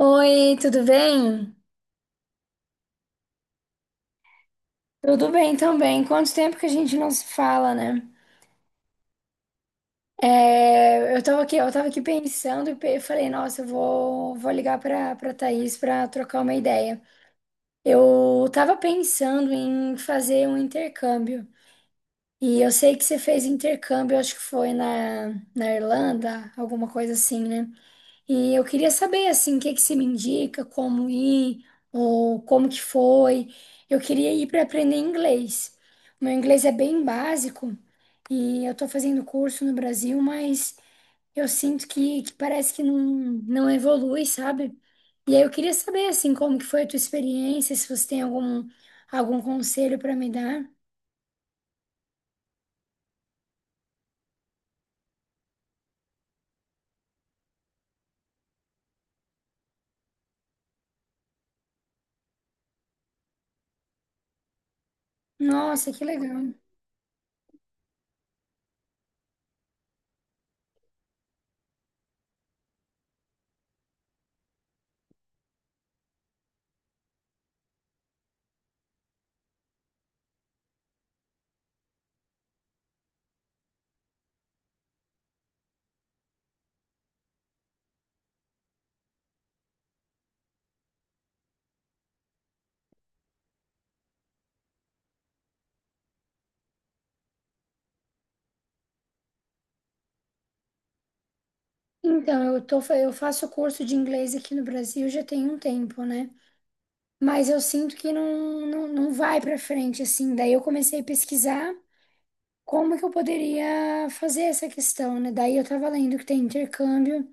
Oi, tudo bem? Tudo bem também. Quanto tempo que a gente não se fala, né? Eu tava aqui pensando eu falei, nossa, vou ligar pra Thaís pra trocar uma ideia. Eu tava pensando em fazer um intercâmbio. E eu sei que você fez intercâmbio, acho que foi na Irlanda, alguma coisa assim, né? E eu queria saber, assim, o que que você me indica, como ir, ou como que foi. Eu queria ir para aprender inglês. O meu inglês é bem básico e eu estou fazendo curso no Brasil, mas eu sinto que parece que não evolui, sabe? E aí eu queria saber, assim, como que foi a tua experiência, se você tem algum conselho para me dar. Nossa, que legal. Então, eu faço curso de inglês aqui no Brasil já tem um tempo, né? Mas eu sinto que não vai para frente, assim. Daí eu comecei a pesquisar como que eu poderia fazer essa questão, né? Daí eu tava lendo que tem intercâmbio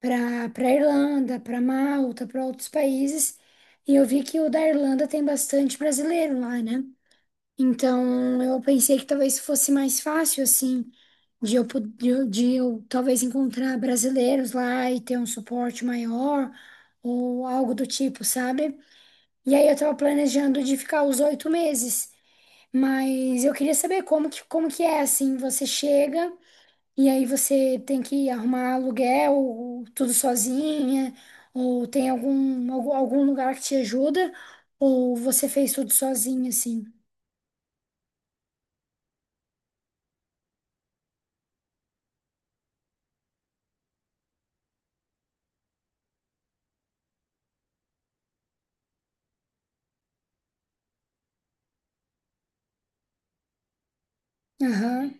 para Irlanda, para Malta, para outros países, e eu vi que o da Irlanda tem bastante brasileiro lá, né? Então eu pensei que talvez fosse mais fácil, assim, de eu, po- de eu talvez encontrar brasileiros lá e ter um suporte maior ou algo do tipo, sabe? E aí eu tava planejando de ficar os 8 meses, mas eu queria saber como que é assim, você chega e aí você tem que arrumar aluguel, ou tudo sozinha, ou tem algum lugar que te ajuda, ou você fez tudo sozinha, assim. Aham,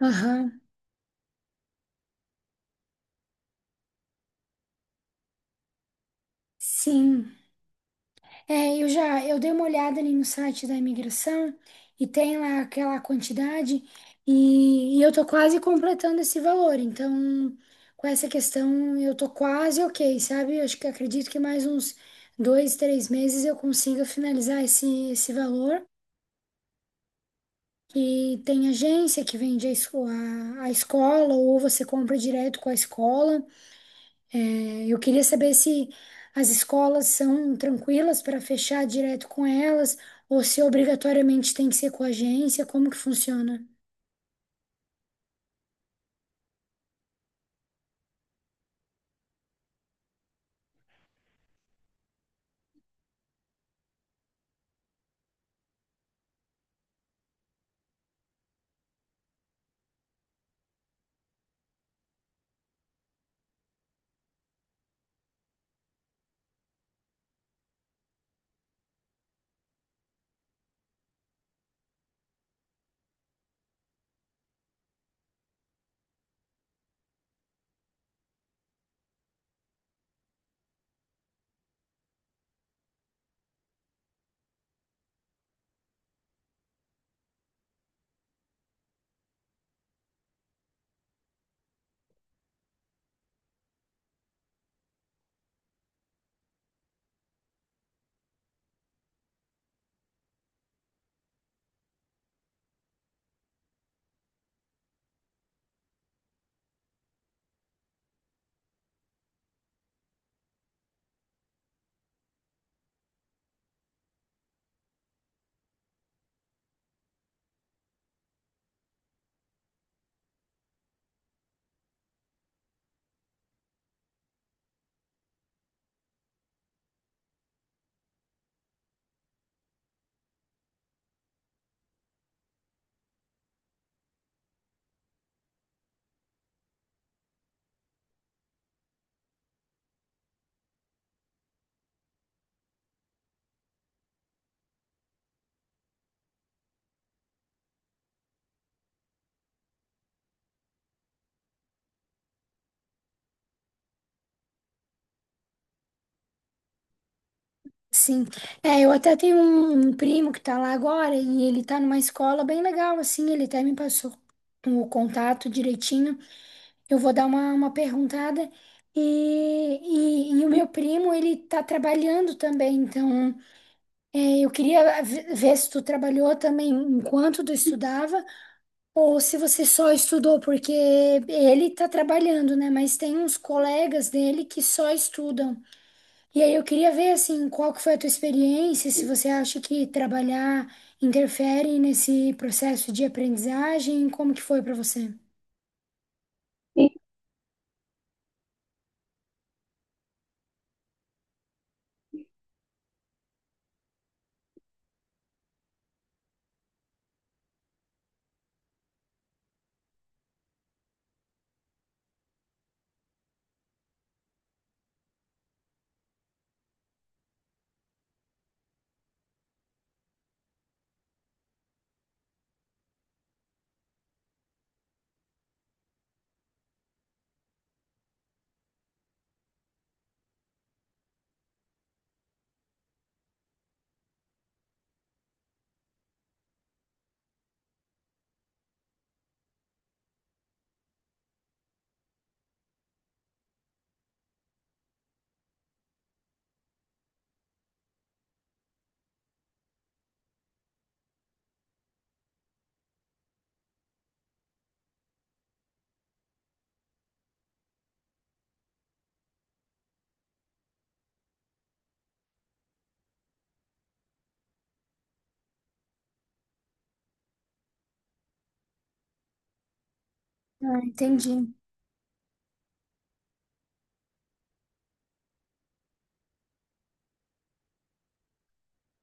aham, sim. É, eu dei uma olhada ali no site da imigração e tem lá aquela quantidade e eu tô quase completando esse valor. Então, com essa questão, eu tô quase ok, sabe? Acho que acredito que mais uns dois, três meses eu consiga finalizar esse valor. E tem agência que vende a escola ou você compra direto com a escola. Eu queria saber se as escolas são tranquilas para fechar direto com elas ou se obrigatoriamente tem que ser com a agência, como que funciona? Sim, é, eu até tenho um primo que tá lá agora e ele tá numa escola bem legal, assim, ele até me passou o contato direitinho. Eu vou dar uma perguntada e, e o meu primo, ele tá trabalhando também, então é, eu queria ver se tu trabalhou também enquanto tu estudava. Ou se você só estudou, porque ele tá trabalhando, né? Mas tem uns colegas dele que só estudam. E aí eu queria ver, assim, qual que foi a tua experiência, se você acha que trabalhar interfere nesse processo de aprendizagem, como que foi para você? Ah, entendi.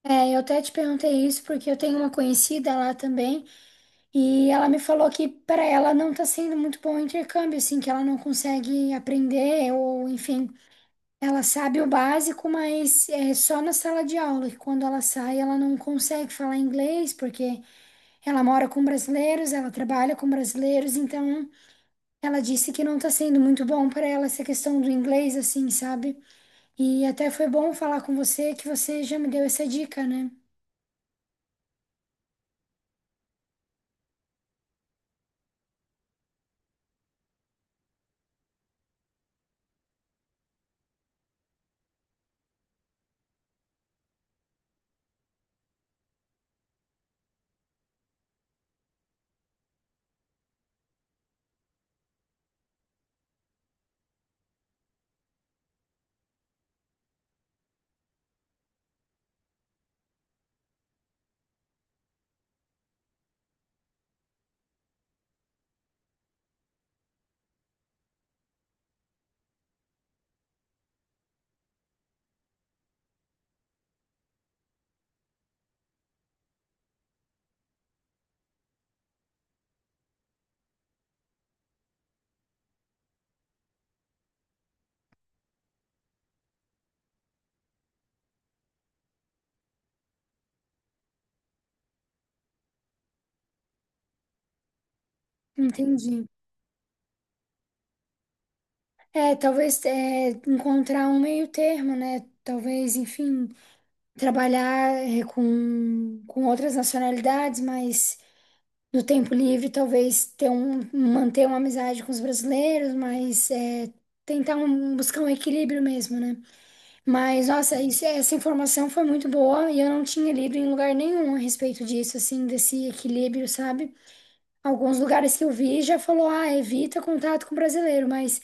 É, eu até te perguntei isso porque eu tenho uma conhecida lá também e ela me falou que para ela não tá sendo muito bom o intercâmbio, assim, que ela não consegue aprender ou enfim. Ela sabe o básico, mas é só na sala de aula, que quando ela sai, ela não consegue falar inglês, porque ela mora com brasileiros, ela trabalha com brasileiros, então ela disse que não tá sendo muito bom para ela essa questão do inglês, assim, sabe? E até foi bom falar com você, que você já me deu essa dica, né? Entendi. É, talvez é, encontrar um meio termo, né? Talvez, enfim, trabalhar é, com outras nacionalidades, mas. Do tempo livre, talvez ter manter uma amizade com os brasileiros, mas é, buscar um equilíbrio mesmo, né? Mas, nossa, essa informação foi muito boa e eu não tinha lido em lugar nenhum a respeito disso, assim, desse equilíbrio, sabe? Alguns lugares que eu vi já falou, ah, evita contato com brasileiro, mas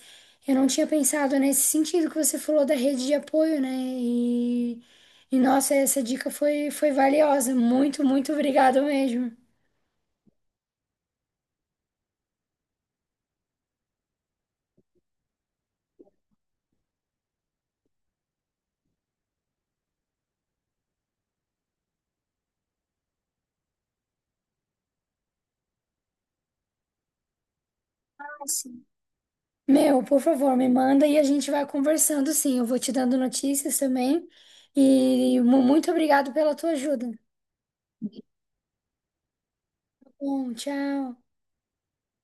eu não tinha pensado nesse sentido que você falou da rede de apoio, né? E, e nossa, essa dica foi valiosa. Muito, muito obrigada mesmo. Meu, por favor, me manda e a gente vai conversando, sim. Eu vou te dando notícias também. E muito obrigado pela tua ajuda. Tá. Bom, tchau.